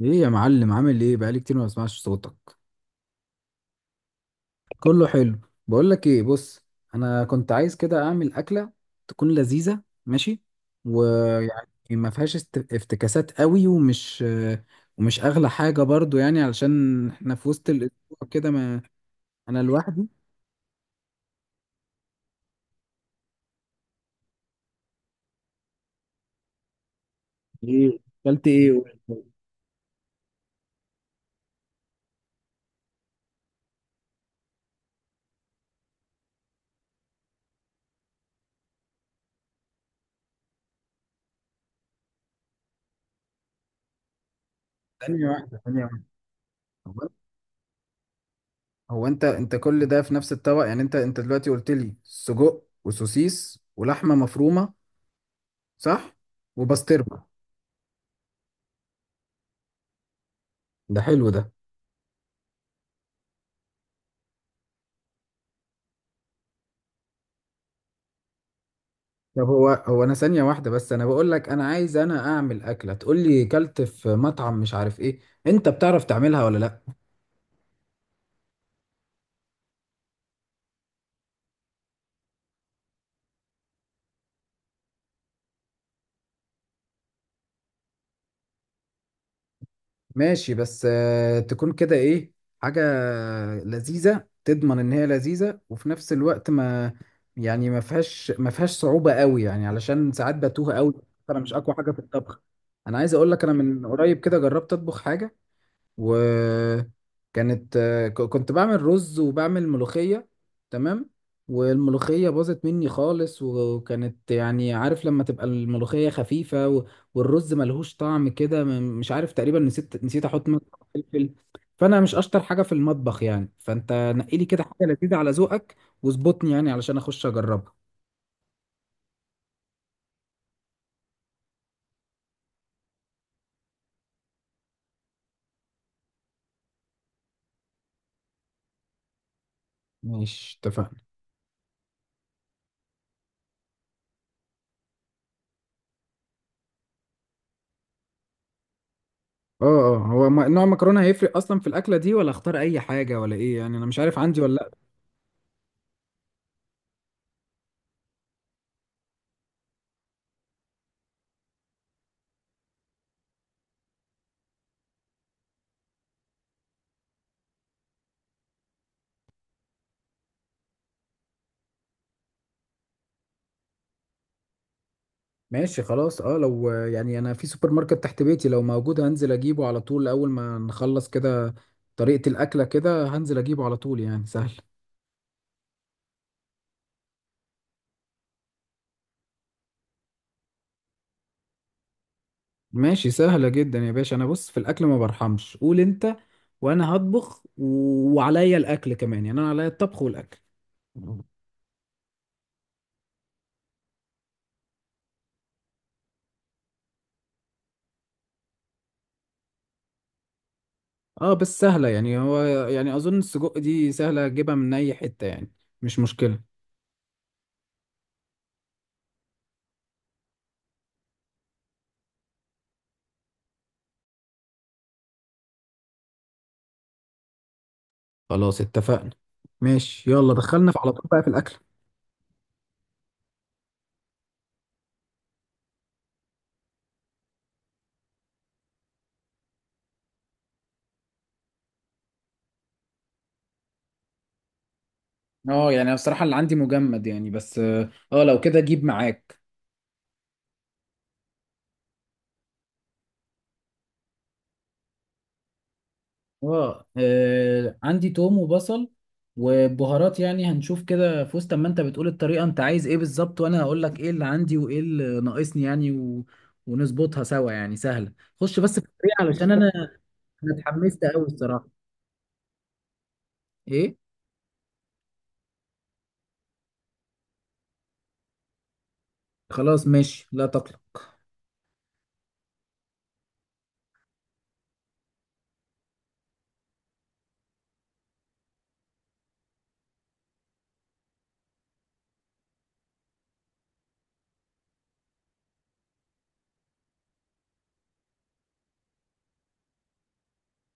ايه يا معلم؟ عامل ايه؟ بقالي كتير ما بسمعش صوتك. كله حلو. بقول لك ايه، بص. انا كنت عايز كده اعمل اكله تكون لذيذه، ماشي؟ ويعني ما فيهاش افتكاسات قوي، ومش اغلى حاجه برضو، يعني علشان احنا في وسط الاسبوع كده. ما انا لوحدي. ايه؟ اكلت ايه؟ قول. ثانيه واحده ثانيه واحده. هو هو انت كل ده في نفس الطبق؟ يعني انت دلوقتي قلت لي سجق وسوسيس ولحمه مفرومه، صح؟ وبسطرمه. ده حلو ده. طب هو انا ثانية واحدة، بس انا بقول لك، انا عايز انا اعمل اكلة، تقول لي كلت في مطعم مش عارف ايه. انت بتعرف تعملها ولا لا؟ ماشي، بس تكون كده ايه؟ حاجة لذيذة، تضمن ان هي لذيذة، وفي نفس الوقت ما يعني ما فيهاش صعوبة قوي، يعني علشان ساعات بتوه قوي. انا مش اقوى حاجة في الطبخ. انا عايز اقول لك، انا من قريب كده جربت اطبخ حاجة، وكانت كنت بعمل رز وبعمل ملوخية، تمام؟ والملوخية باظت مني خالص، وكانت يعني عارف لما تبقى الملوخية خفيفة و، والرز ملهوش طعم كده، مش عارف، تقريبا نسيت احط ملح وفلفل. فانا مش اشطر حاجة في المطبخ يعني، فانت نقي لي كده حاجة لذيذة على ذوقك واظبطني، يعني علشان اخش اجربها. ماشي، اتفقنا. اه. اه، نوع المكرونة هيفرق اصلا في الاكلة دي، ولا اختار اي حاجة ولا ايه؟ يعني انا مش عارف عندي ولا. ماشي، خلاص. اه، لو يعني انا في سوبر ماركت تحت بيتي، لو موجود هنزل اجيبه على طول اول ما نخلص كده طريقة الاكلة، كده هنزل اجيبه على طول، يعني سهل. ماشي، سهلة جدا يا باشا. انا بص، في الاكل ما برحمش، قول انت وانا هطبخ، وعليا الاكل كمان، يعني انا عليا الطبخ والاكل. اه، بس سهلة يعني، هو يعني اظن السجق دي سهلة اجيبها من اي حتة يعني، مش مشكلة. خلاص اتفقنا. ماشي، يلا دخلنا في على طول بقى في الاكل. اه، يعني أنا بصراحة اللي عندي مجمد يعني، بس اه، لو كده جيب معاك. اه، عندي توم وبصل وبهارات، يعني هنشوف كده في وسط ما انت بتقول الطريقة، انت عايز ايه بالظبط وانا هقول لك ايه اللي عندي وايه اللي ناقصني، يعني و، ونظبطها سوا، يعني سهلة. خش بس في الطريقة علشان انا اتحمست قوي الصراحة. ايه؟ خلاص ماشي، لا تقلق.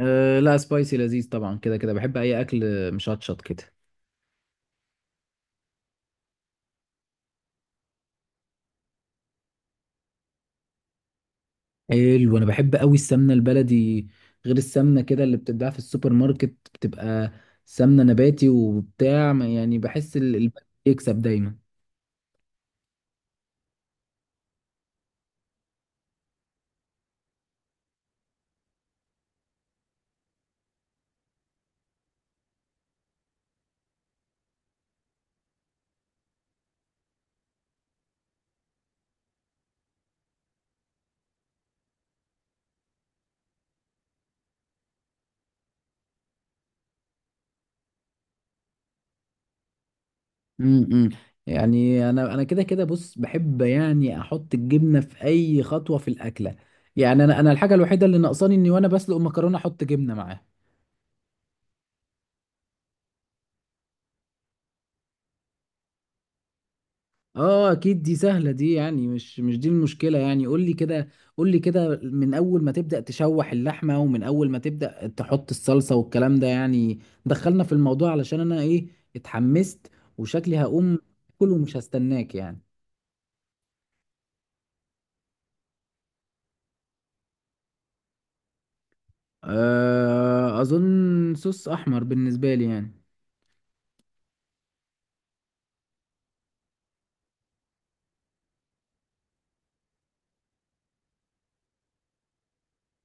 أه، لا سبايسي لذيذ طبعا، كده كده بحب اي اكل مشطشط كده. حلو، انا بحب قوي السمنه البلدي، غير السمنه كده اللي بتتباع في السوبر ماركت بتبقى سمنه نباتي وبتاع، ما، يعني بحس ال، البلدي يكسب دايما. امم يعني انا كده كده بص، بحب يعني احط الجبنه في اي خطوه في الاكله، يعني انا الحاجه الوحيده اللي ناقصاني اني وانا بسلق المكرونه احط جبنه معاها. اه اكيد دي سهله دي، يعني مش دي المشكله يعني، قول لي كده، قول لي كده من اول ما تبدا تشوح اللحمه، ومن اول ما تبدا تحط الصلصه والكلام ده، يعني دخلنا في الموضوع علشان انا ايه، اتحمست وشكلي هقوم اكل ومش هستناك يعني. أه، اظن صوص احمر بالنسبه لي يعني.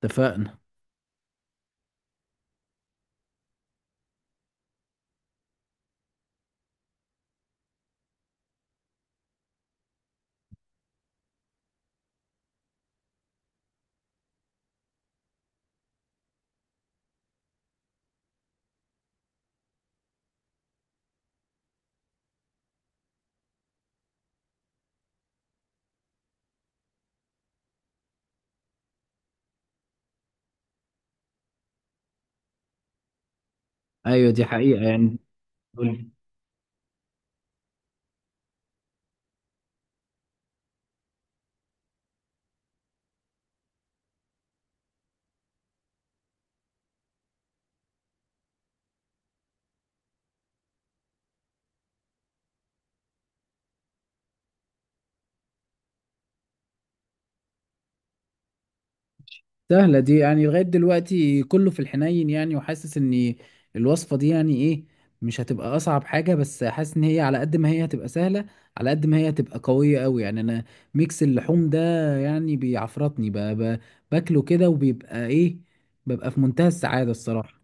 اتفقنا. ايوه دي حقيقه يعني. قول لي. سهلة دي، يعني لغاية دلوقتي كله في الحنين يعني، وحاسس ان الوصفة دي يعني ايه، مش هتبقى اصعب حاجة، بس حاسس ان هي على قد ما هي هتبقى سهلة، على قد ما هي هتبقى قوية قوي. يعني انا ميكس اللحوم ده يعني بيعفرطني، باكله كده، وبيبقى ايه، ببقى في منتهى السعادة الصراحة.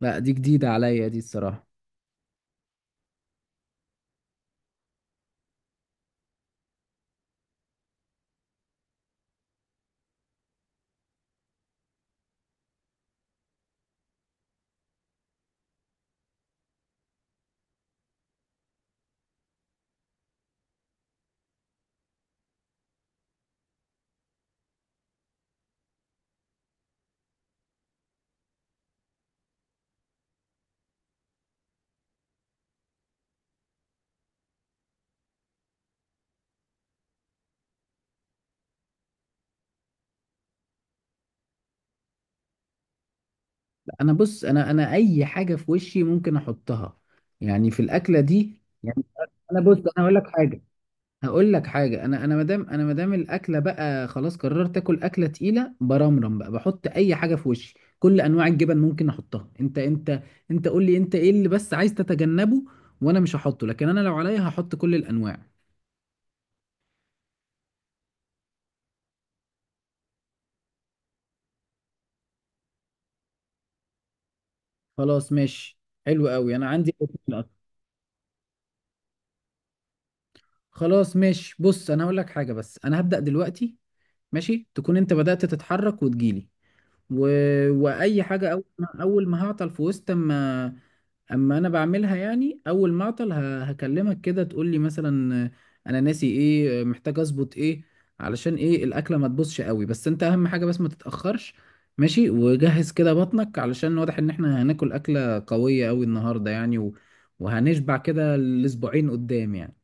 لا دي جديدة عليا دي الصراحة. لا، انا بص، انا اي حاجة في وشي ممكن احطها، يعني في الاكلة دي يعني. انا بص انا اقول لك حاجة. هقول لك حاجه، انا مادام، مادام الاكله بقى خلاص قررت اكل اكله تقيله برمرم، بقى بحط اي حاجه في وشي. كل انواع الجبن ممكن احطها. انت، انت قول لي، انت ايه اللي بس عايز تتجنبه وانا مش هحطه، لكن انا لو عليا هحط كل الانواع. خلاص ماشي. حلو قوي، انا عندي الاتنين أصلاً. خلاص ماشي، بص انا هقول لك حاجه. بس انا هبدا دلوقتي، ماشي؟ تكون انت بدات تتحرك وتجيلي، و، واي حاجه، اول ما هعطل في وسط اما انا بعملها يعني، اول ما اعطل هكلمك كده، تقول لي مثلا انا ناسي ايه، محتاج اظبط ايه، علشان ايه الاكله ما تبوظش قوي. بس انت اهم حاجه بس ما تتاخرش. ماشي، وجهز كده بطنك علشان واضح ان احنا هناكل اكله قويه قوي النهارده، يعني و... وهنشبع كده الاسبوعين قدام يعني.